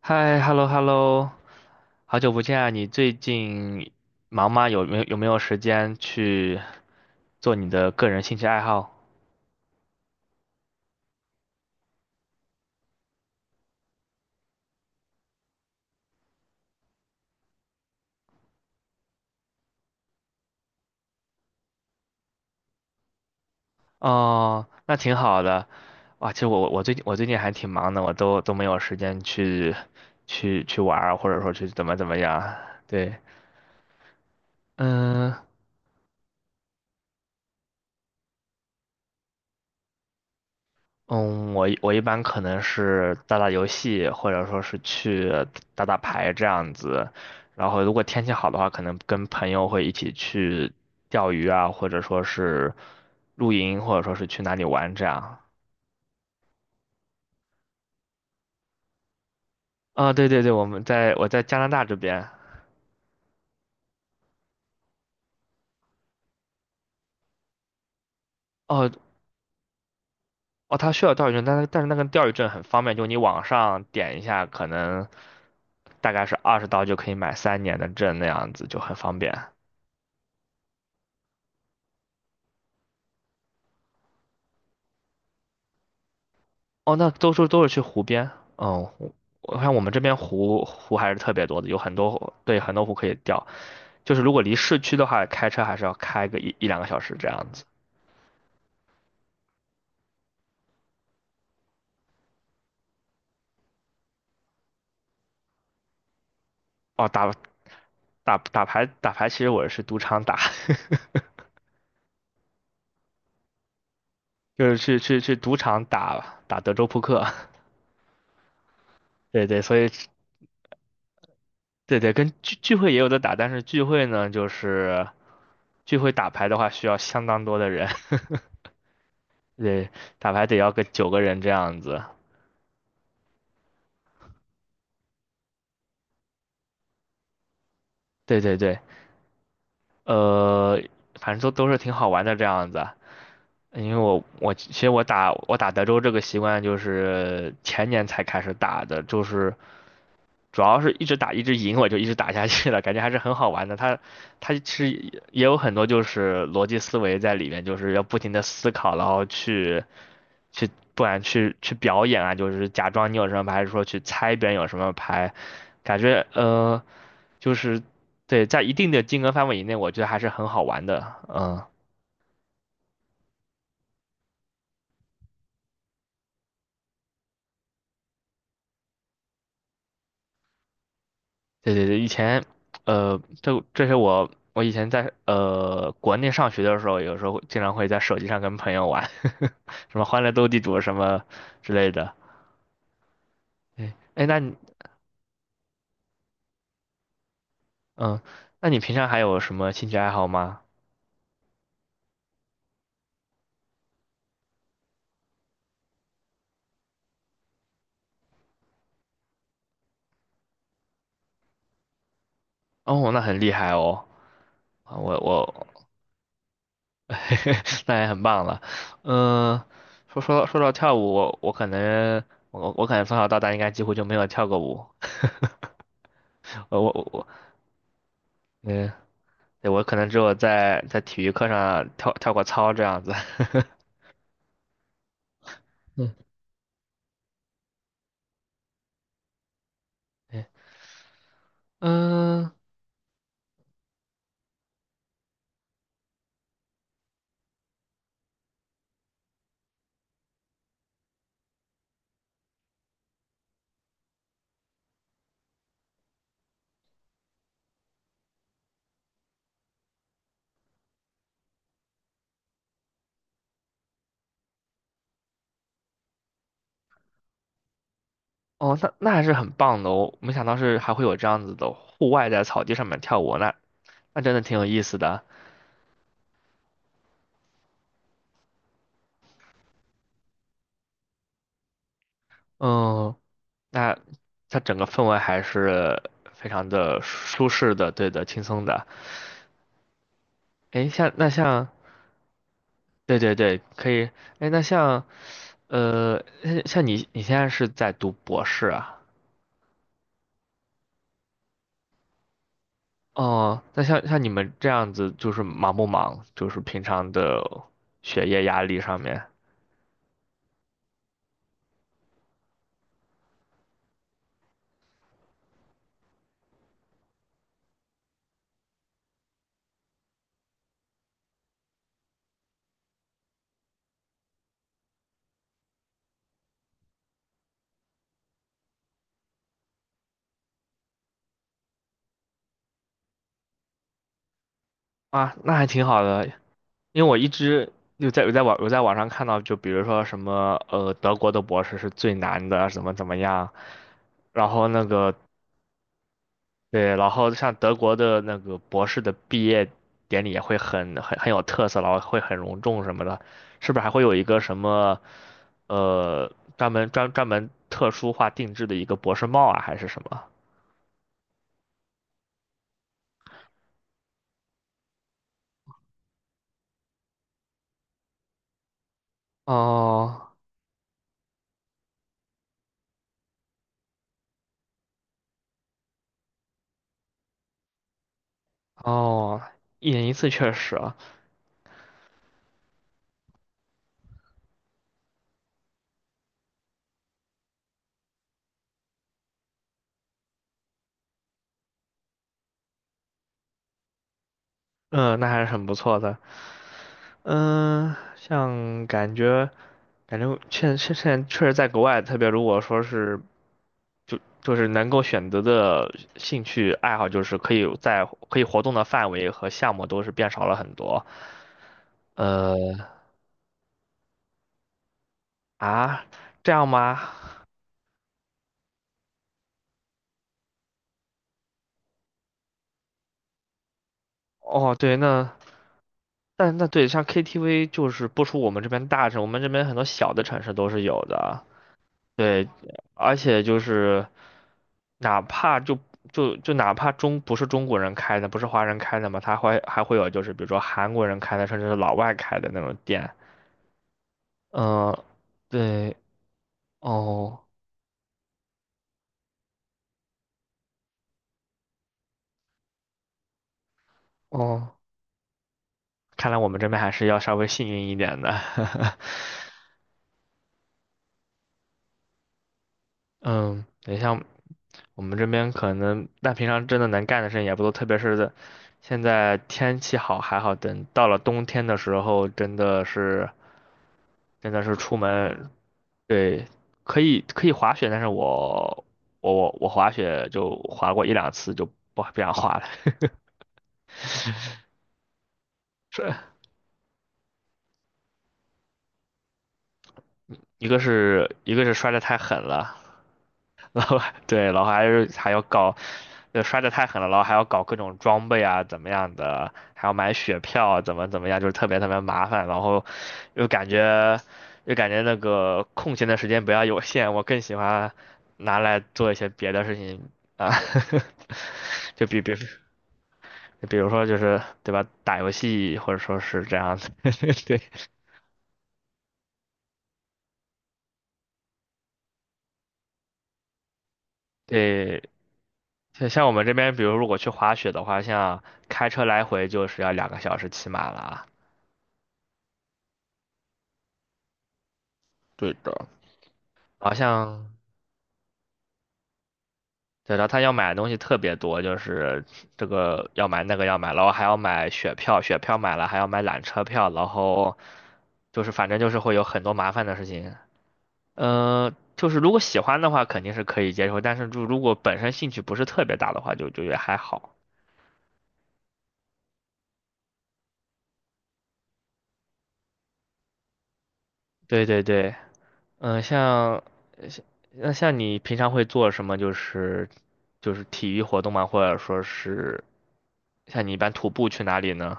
嗨，hello hello，好久不见啊！你最近忙吗？有没有时间去做你的个人兴趣爱好？哦，那挺好的。哇，其实我最近还挺忙的，我都没有时间去玩儿或者说去怎么样啊。对，嗯，嗯，我一般可能是打打游戏，或者说是去打打牌这样子。然后如果天气好的话，可能跟朋友会一起去钓鱼啊，或者说是露营，或者说是去哪里玩这样。啊、对对对，我在加拿大这边。哦哦，他需要钓鱼证，但是那个钓鱼证很方便，就你网上点一下，可能大概是20刀就可以买3年的证那样子，就很方便。哦，那都是去湖边。嗯，我看我们这边湖还是特别多的，有很多湖，对，很多湖可以钓。就是如果离市区的话，开车还是要开个一两个小时这样子。哦，打牌，其实我是赌场打，就是去赌场打打德州扑克。对对，所以对对，跟聚会也有的打，但是聚会呢，就是聚会打牌的话，需要相当多的人。对，打牌得要个9个人这样子。对对对。呃，反正都是挺好玩的这样子。因为我其实我打德州这个习惯就是前年才开始打的，就是主要是一直打一直赢，我就一直打下去了，感觉还是很好玩的。它其实也有很多就是逻辑思维在里面，就是要不停的思考，然后去不管去表演啊，就是假装你有什么牌，还是说去猜别人有什么牌，感觉就是，对，在一定的金额范围以内，我觉得还是很好玩的，嗯。对对对，以前，这些我以前在国内上学的时候，有时候经常会在手机上跟朋友玩 什么《欢乐斗地主》什么之类的。哎哎，嗯，那你平常还有什么兴趣爱好吗？哦，那很厉害哦，啊我我 那也很棒了。嗯、说到跳舞，我可能从小到大应该几乎就没有跳过舞。我我我，嗯。对，我可能只有在体育课上跳过操这样子。嗯，对，嗯，哦，那还是很棒的哦，没想到是还会有这样子的户外在草地上面跳舞，那真的挺有意思的。嗯，那它整个氛围还是非常的舒适的，对的，轻松的。诶，像那像，对对对，可以。诶，那像呃，像像你你现在是在读博士啊？哦，那像你们这样子，就是忙不忙？就是平常的学业压力上面啊，那还挺好的。因为我一直有在网上看到，就比如说什么德国的博士是最难的，怎么怎么样。然后那个，对，然后像德国的那个博士的毕业典礼也会很有特色，然后会很隆重什么的，是不是还会有一个什么呃专门特殊化定制的一个博士帽啊，还是什么？哦哦，一年一次确实啊，嗯，那还是很不错的。嗯，像感觉现在确实在国外，特别如果说是就是能够选择的兴趣爱好，就是可以活动的范围和项目都是变少了很多。呃啊，这样吗？哦，对，那但那对，像 KTV 就是不出我们这边大城，我们这边很多小的城市都是有的。对，而且就是哪怕就就就哪怕不是中国人开的，不是华人开的嘛，他会还会有就是比如说韩国人开的，甚至是老外开的那种店。嗯、对，哦哦，看来我们这边还是要稍微幸运一点的。嗯，你像我们这边可能，但平常真的能干的事情也不多，特别是现在天气好还好，等到了冬天的时候，真的是出门，对，可以滑雪，但是我滑雪就滑过一两次就不想滑了，是一个是摔得太狠了，然后，对，然后还是还要搞，摔得太狠了，然后还要搞各种装备啊，怎么样的，还要买雪票啊，怎么怎么样，就是特别特别麻烦，然后又感觉又感觉那个空闲的时间比较有限，我更喜欢拿来做一些别的事情啊。就比比。比如说就是对吧，打游戏或者说是这样子，对对，像我们这边，比如如果去滑雪的话，像开车来回就是要两个小时起码了啊，对的，好像对的，他要买的东西特别多，就是这个要买那个要买，然后还要买雪票，雪票买了还要买缆车票，然后就是反正就是会有很多麻烦的事情。嗯，就是如果喜欢的话肯定是可以接受，但是就如果本身兴趣不是特别大的话，就也还好。对对对，嗯、像像你平常会做什么？就是体育活动吗？或者说是像你一般徒步去哪里呢？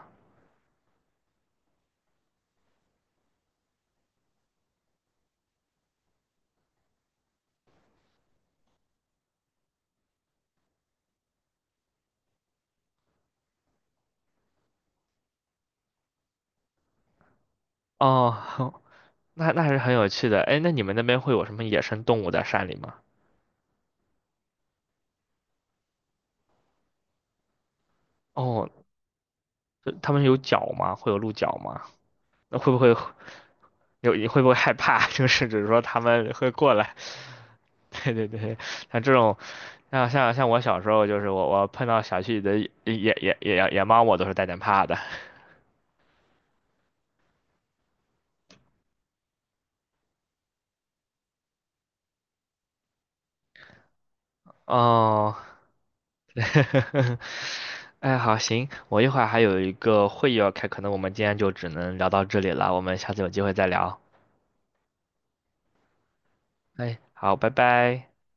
哦，那还是很有趣的。哎，那你们那边会有什么野生动物在山里吗？哦，他们有脚吗？会有鹿角吗？那会不会有？你会不会害怕？就是只是说他们会过来。对对对，像这种，像我小时候，就是我碰到小区里的野猫，我都是带点怕的。哦，哎，好，行，我一会儿还有一个会议要开，可能我们今天就只能聊到这里了，我们下次有机会再聊。哎，好，拜拜。